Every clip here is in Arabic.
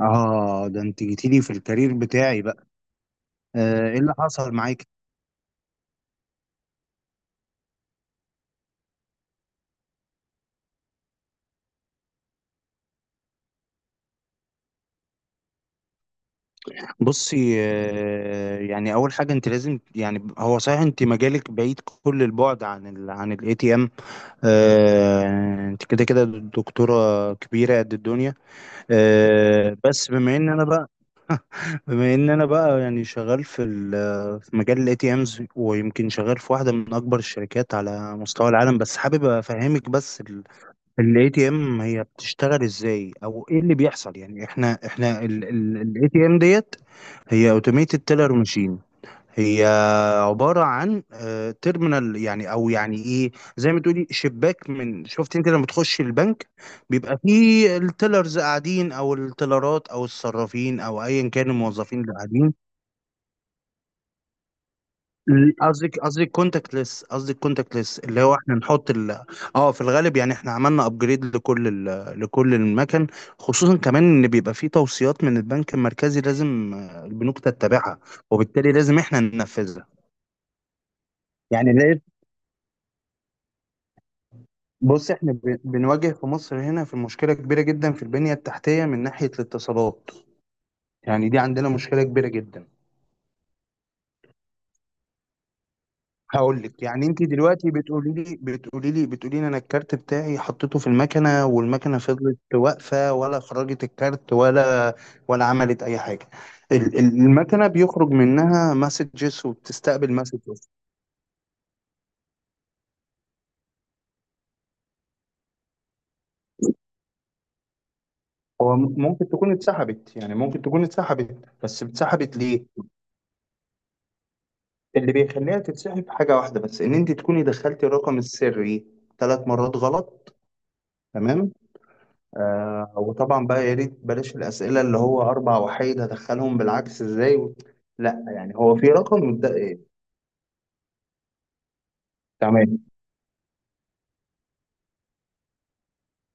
اه، ده انت جيتيلي في الكارير بتاعي بقى. آه، ايه اللي حصل معاك؟ بصي، آه، يعني اول حاجه انت لازم، يعني هو صحيح انت مجالك بعيد كل البعد عن عن الاي تي ام. انت كده كده دكتوره كبيره قد الدنيا. آه، بس بما ان انا بقى، بما ان انا بقى يعني شغال في في مجال الاي تي امز، ويمكن شغال في واحده من اكبر الشركات على مستوى العالم، بس حابب افهمك بس. الاي تي ام هي بتشتغل ازاي او ايه اللي بيحصل؟ يعني احنا الاي تي ام ديت هي اوتوميتد تيلر ماشين. هي عبارة عن تيرمينال، يعني او يعني ايه، زي ما تقولي شباك من، شفت انت لما تخش البنك بيبقى فيه التيلرز قاعدين، او التيلرات او الصرافين، او ايا كان الموظفين اللي قاعدين. قصدك كونتاكت ليس، قصدك كونتاكت ليس اللي هو احنا نحط اه. في الغالب يعني احنا عملنا ابجريد لكل لكل المكن، خصوصا كمان ان بيبقى فيه توصيات من البنك المركزي لازم، آه، البنوك تتبعها، وبالتالي لازم احنا ننفذها. يعني لقيت، بص احنا بنواجه في مصر هنا في مشكلة كبيرة جدا في البنية التحتية من ناحية الاتصالات. يعني دي عندنا مشكلة كبيرة جدا. هقول لك، يعني انت دلوقتي بتقولي لي انا الكارت بتاعي حطيته في المكنه والمكنه فضلت واقفه، ولا خرجت الكارت، ولا ولا عملت اي حاجه؟ المكنه بيخرج منها مسجز وبتستقبل مسجز. هو ممكن تكون اتسحبت، يعني ممكن تكون اتسحبت، بس اتسحبت ليه؟ اللي بيخليها تتسحب حاجه واحده بس، ان انت تكوني دخلتي الرقم السري ثلاث مرات غلط. تمام. آه، وطبعا بقى يا ريت بلاش الأسئلة اللي هو أربع وحيد هدخلهم بالعكس إزاي لا، يعني هو في رقم إيه، تمام.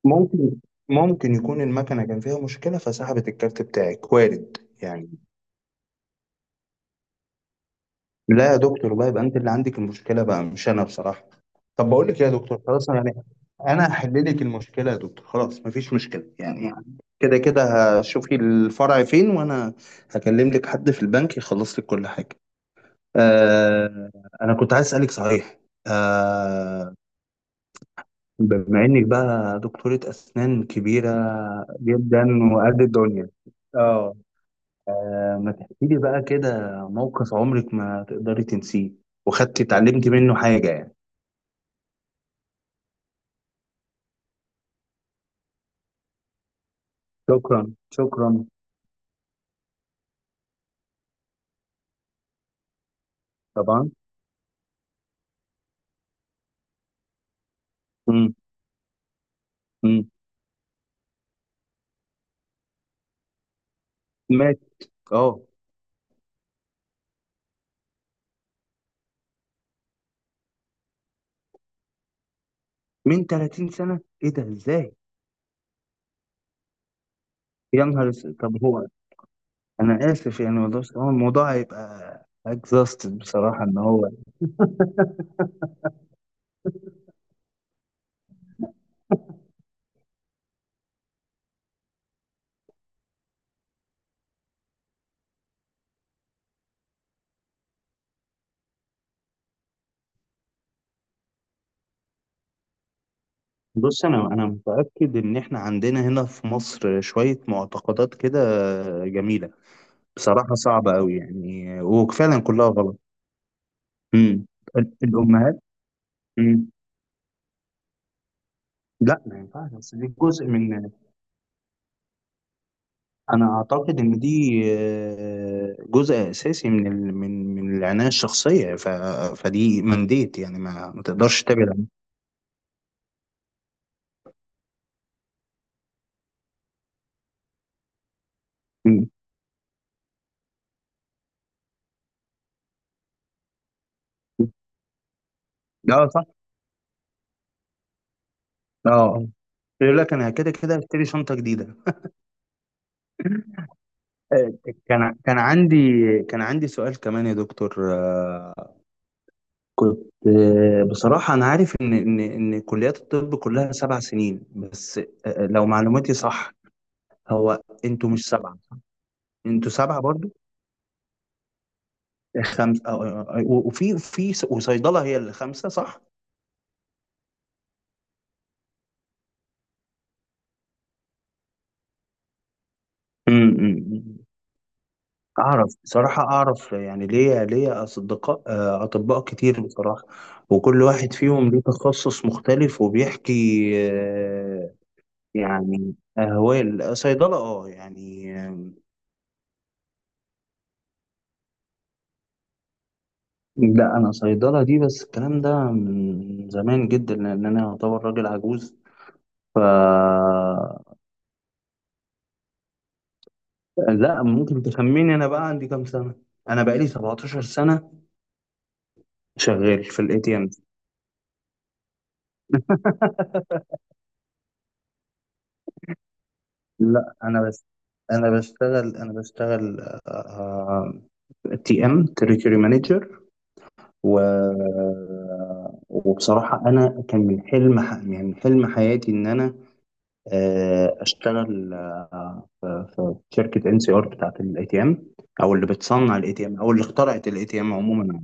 ممكن، ممكن يكون المكنة كان فيها مشكلة فسحبت الكارت بتاعك، وارد يعني. لا يا دكتور بقى، يبقى أنت اللي عندك المشكلة بقى، مش أنا بصراحة. طب بقول لك إيه يا دكتور، خلاص أنا يعني أنا هحل لك المشكلة يا دكتور، خلاص مفيش مشكلة يعني. كده كده هشوفي الفرع فين، وأنا هكلم لك حد في البنك يخلص لك كل حاجة. آه، أنا كنت عايز أسألك صحيح. آه، بما إنك بقى دكتورة أسنان كبيرة جدا وقد الدنيا، آه، آه، ما تحكي لي بقى كده موقف عمرك ما تقدري تنسيه، وخدتي اتعلمتي منه حاجة يعني. شكرا شكرا. طبعا. مم. مم. مات. اه، من 30 سنة؟ إيه ده إزاي؟ يا نهار أسود. طب هو، أنا آسف يعني والله، بس هو الموضوع هيبقى اكزاستد بصراحة إن هو، بص انا متاكد ان احنا عندنا هنا في مصر شويه معتقدات كده جميله. بصراحه صعبه قوي يعني، وفعلا كلها غلط. امم. الامهات. امم. لا ما ينفعش، بس دي جزء من، انا اعتقد ان دي آه، جزء اساسي من من العنايه الشخصيه فدي منديت، يعني ما تقدرش تبعد عنها. أمم. لا صح. اه، يقول لك انا كده كده هشتري شنطه جديده. آه، كان عندي، كان عندي سؤال كمان يا دكتور، آه، كنت آه، بصراحة أنا عارف إن كليات الطب كلها سبع سنين بس. آه، لو معلوماتي صح. هو أنتوا مش سبعة؟ أنتوا سبعة برضو. خمسة، آه، آه، آه، وفي وصيدلة هي اللي خمسة صح؟ امم. أعرف بصراحة، أعرف يعني ليا أصدقاء آه، أطباء كتير بصراحة. وكل واحد فيهم ليه تخصص مختلف وبيحكي، آه، يعني هو صيدلة، اه يعني آم، لا أنا صيدلة دي، بس الكلام ده من زمان جدا لأن أنا أعتبر راجل عجوز. ف، لا ممكن تخميني أنا بقى عندي كام سنة. أنا بقالي 17 سنة شغال في الاي تي ام. لا أنا بس، أنا بشتغل تي ام تريتوري مانجر. و، وبصراحة أنا كان من حلم يعني من حلم حياتي إن أنا آه، اشتغل آه، في شركه ان سي ار بتاعت الاي تي ام، او اللي بتصنع الاي تي ام، او اللي اخترعت الاي تي ام عموما.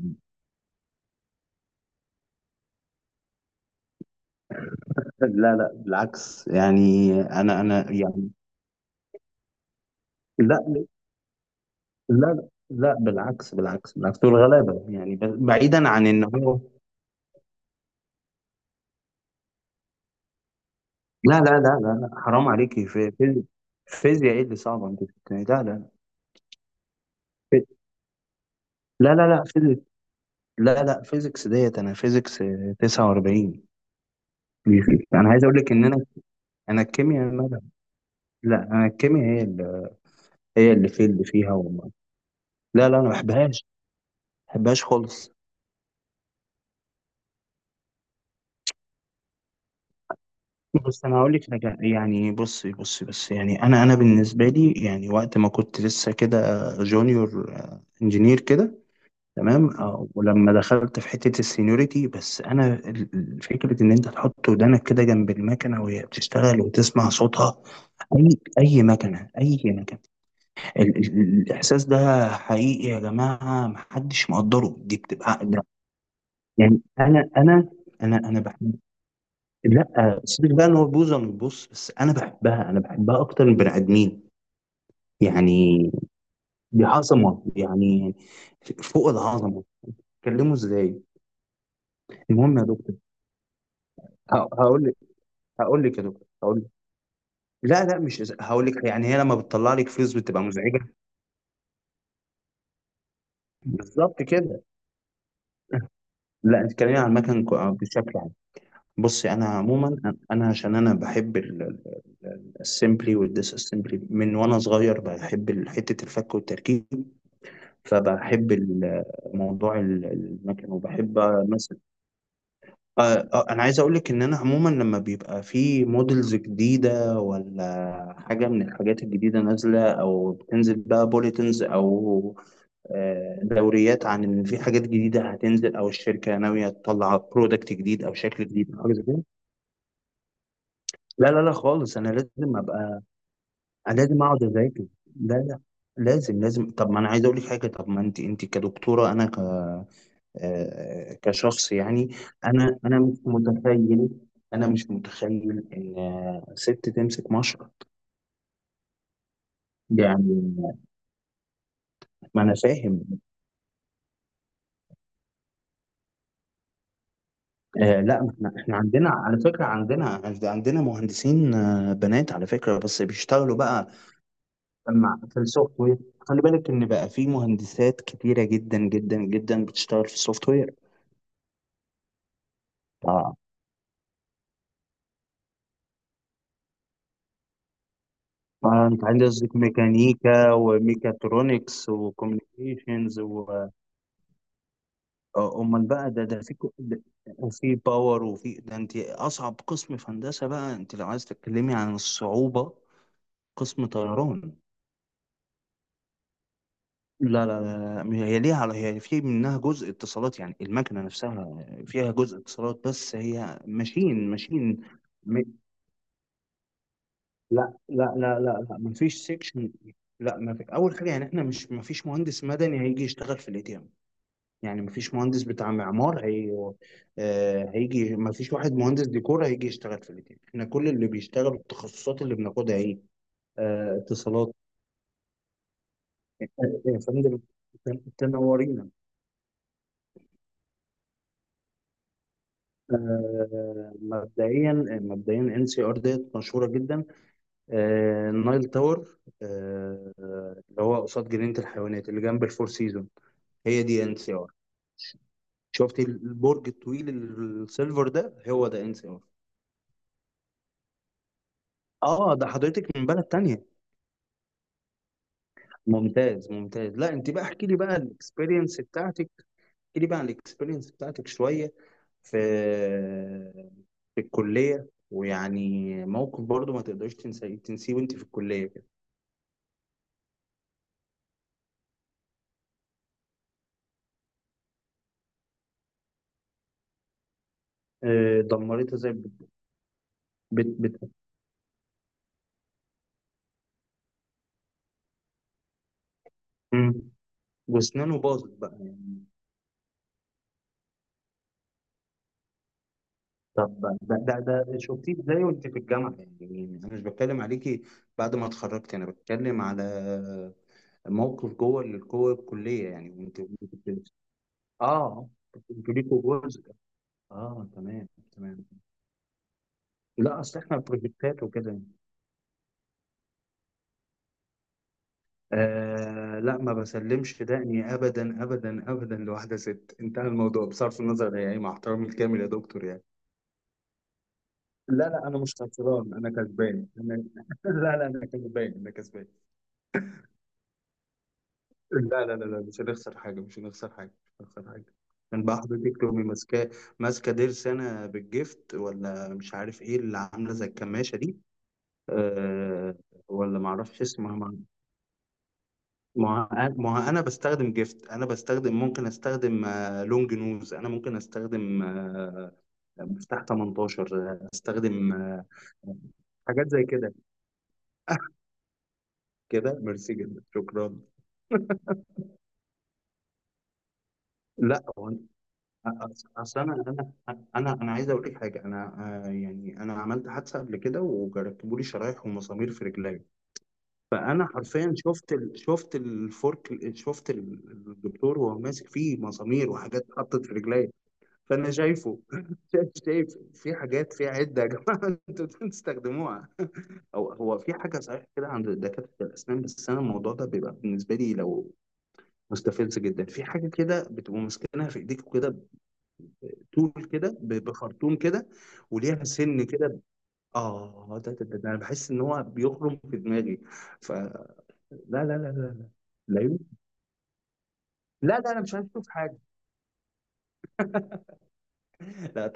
لا لا بالعكس، يعني انا يعني، لا لا لا بالعكس بالعكس بالعكس، دول غلابه يعني بعيدا عن ان هو، لا لا لا لا لا حرام عليكي فيزياء ايه اللي صعبه انت بتتكلمي؟ لا لا في- لا لا لا فيزيكس، لا لا فيزيكس ديت انا فيزيكس آه، 49. انا عايز اقول لك ان انا، انا الكيمياء، لا انا الكيمياء هي اللي، هي اللي اللي فيها والله. لا لا انا ما بحبهاش، ما بحبهاش خالص. بس انا هقول لك حاجه، يعني بصي بصي، بس يعني انا، انا بالنسبه لي يعني وقت ما كنت لسه كده جونيور انجينير كده، تمام، آه، ولما دخلت في حته السينيوريتي بس انا فكره ان انت تحط ودانك كده جنب المكنه وهي بتشتغل وتسمع صوتها، اي اي مكنه، اي مكنه، الاحساس ده حقيقي يا جماعه محدش مقدره، دي بتبقى يعني. أنا باحب، لأ، سيبِك بقى إن هو بوظة من البُص، بس أنا باحبها، أنا باحبها أكتر من البني آدمين، يعني دي عظمة، يعني ف فوق العظمة، بتتكلموا إزاي؟ المهم يا دكتور، ه، هاقول لِك، هاقول لِك يا دكتور، هاقول لِك، لأ، لأ، مش إز، هاقول لِك يعني هي لمّا بتطلّع لِك فلوس بتبقى مزعجة؟ بالضبط كده. لأ، أنتِ بتتكلمي عن المَكَن ك بشكل، بصي انا عموما، انا عشان انا بحب السمبلي والديس اسمبلي من وانا صغير، بحب حته الفك والتركيب، فبحب موضوع المكن وبحب مثلا، آه، آه، انا عايز اقول لك ان انا عموما لما بيبقى في موديلز جديده، ولا حاجه من الحاجات الجديده نازله او بتنزل بقى بوليتنز او آه، دوريات عن ان في حاجات جديده هتنزل او الشركه ناويه تطلع برودكت جديد او شكل جديد او حاجه زي كده. لا لا لا خالص، انا لازم ابقى، انا لازم اقعد اذاكر. لا لا، لازم لازم. طب ما انا عايز اقول لك حاجه، طب ما انت، انت كدكتوره انا ك آه، كشخص يعني، انا مش متخيل، انا مش متخيل ان آه، ست تمسك مشرط. يعني ما انا فاهم، آه لا، ما احنا عندنا على فكره، عندنا مهندسين آه، بنات على فكره، بس بيشتغلوا بقى مع في السوفت وير. خلي بالك ان بقى في مهندسات كتيره جدا جدا جدا بتشتغل في السوفت وير. اه، فانت عندك قصدك ميكانيكا وميكاترونكس وكوميونيكيشنز و آه، امال بقى ده، ده في وفي باور وفي، ده انت اصعب قسم في هندسه بقى انت لو عايز تتكلمي عن الصعوبه، قسم طيران. لا لا لا لا، هي ليها على، هي في منها جزء اتصالات، يعني المكنه نفسها فيها جزء اتصالات، بس هي ماشين ماشين. م... لا لا لا لا لا مفيش سيكشن. لا ما في، اول حاجه يعني احنا مش، مفيش مهندس مدني هيجي يشتغل في الاي تي، يعني مفيش مهندس بتاع معمار، هي آه، هيجي، مفيش واحد مهندس ديكور هيجي يشتغل في الاتنين. احنا كل اللي بيشتغلوا التخصصات اللي بناخدها ايه، آه، اتصالات. آه، يا فندم، تنورينا. آه، مبدئيا، مبدئيا ان سي ار ديت مشهوره جدا. آه، النايل تاور آه، اللي هو قصاد جنينه الحيوانات اللي جنب الفور سيزون، هي دي ان سي ار. شفت البرج الطويل السيلفر ده، هو ده ان سي ار. اه ده حضرتك من بلد تانية. ممتاز ممتاز، لا انت بقى احكي لي بقى الاكسبيرينس بتاعتك، احكي لي بقى عن الاكسبيرينس بتاعتك شويه، في في الكليه، ويعني موقف برضو ما تقدرش تنسيه تنسيه وانت في الكليه كده. اه، دمرتها زي بت، بت بت- مم. واسنانه باظت بقى يعني. طب ده ده، ده شفتيه ازاي وانت في الجامعه؟ يعني انا مش بتكلم عليكي بعد ما اتخرجت، انا بتكلم على موقف جوه جوه الكليه، يعني وانت وانت اه، انتوا ليكوا جزء، اه تمام تمام، لا اصل احنا بروجكتات وكده. آه لا، ما بسلمش دقني ابدا ابدا ابدا لواحده ست، انتهى الموضوع بصرف النظر هي ايه، مع احترامي الكامل يا دكتور يعني. لا لا انا مش خسران، انا كسبان انا. لا لا، انا كسبان، انا كسبان. لا لا لا لا، مش هنخسر حاجه، مش هنخسر حاجه، مش هنخسر حاجه. كان بقى حضرتك تقومي ماسكاه، ماسكه ضرس انا بالجفت، ولا مش عارف ايه اللي عامله زي الكماشه دي. آه. ولا ما اعرفش اسمها. ما هو انا بستخدم جيفت، انا بستخدم، ممكن استخدم آه، لونج نوز، انا ممكن استخدم آه، مفتاح 18، آه، استخدم آه، حاجات زي كده، كده ميرسي جدا شكرا. لا هو، اصل انا عايز اقول لك حاجه. انا آه، يعني انا عملت حادثه قبل كده وركبوا لي شرايح ومسامير في رجلي. فانا حرفيا شفت شفت الفورك، شفت الدكتور وهو ماسك فيه مسامير وحاجات اتحطت في رجلي. فانا شايفه شايف شايف، في حاجات في عده يا جماعه انتوا بتستخدموها، او هو في حاجه صحيح كده عند دكاتره الاسنان، بس انا الموضوع ده بيبقى بالنسبه لي لو، مستفز جدا، في حاجه كده بتبقى ماسكينها في ايديك كده طول كده بخرطوم كده وليها سن كده، اه ده انا بحس ان هو بيخرم في دماغي، فلا، لا لا لا لا لا لا لا لا، انا مش عايز اشوف حاجه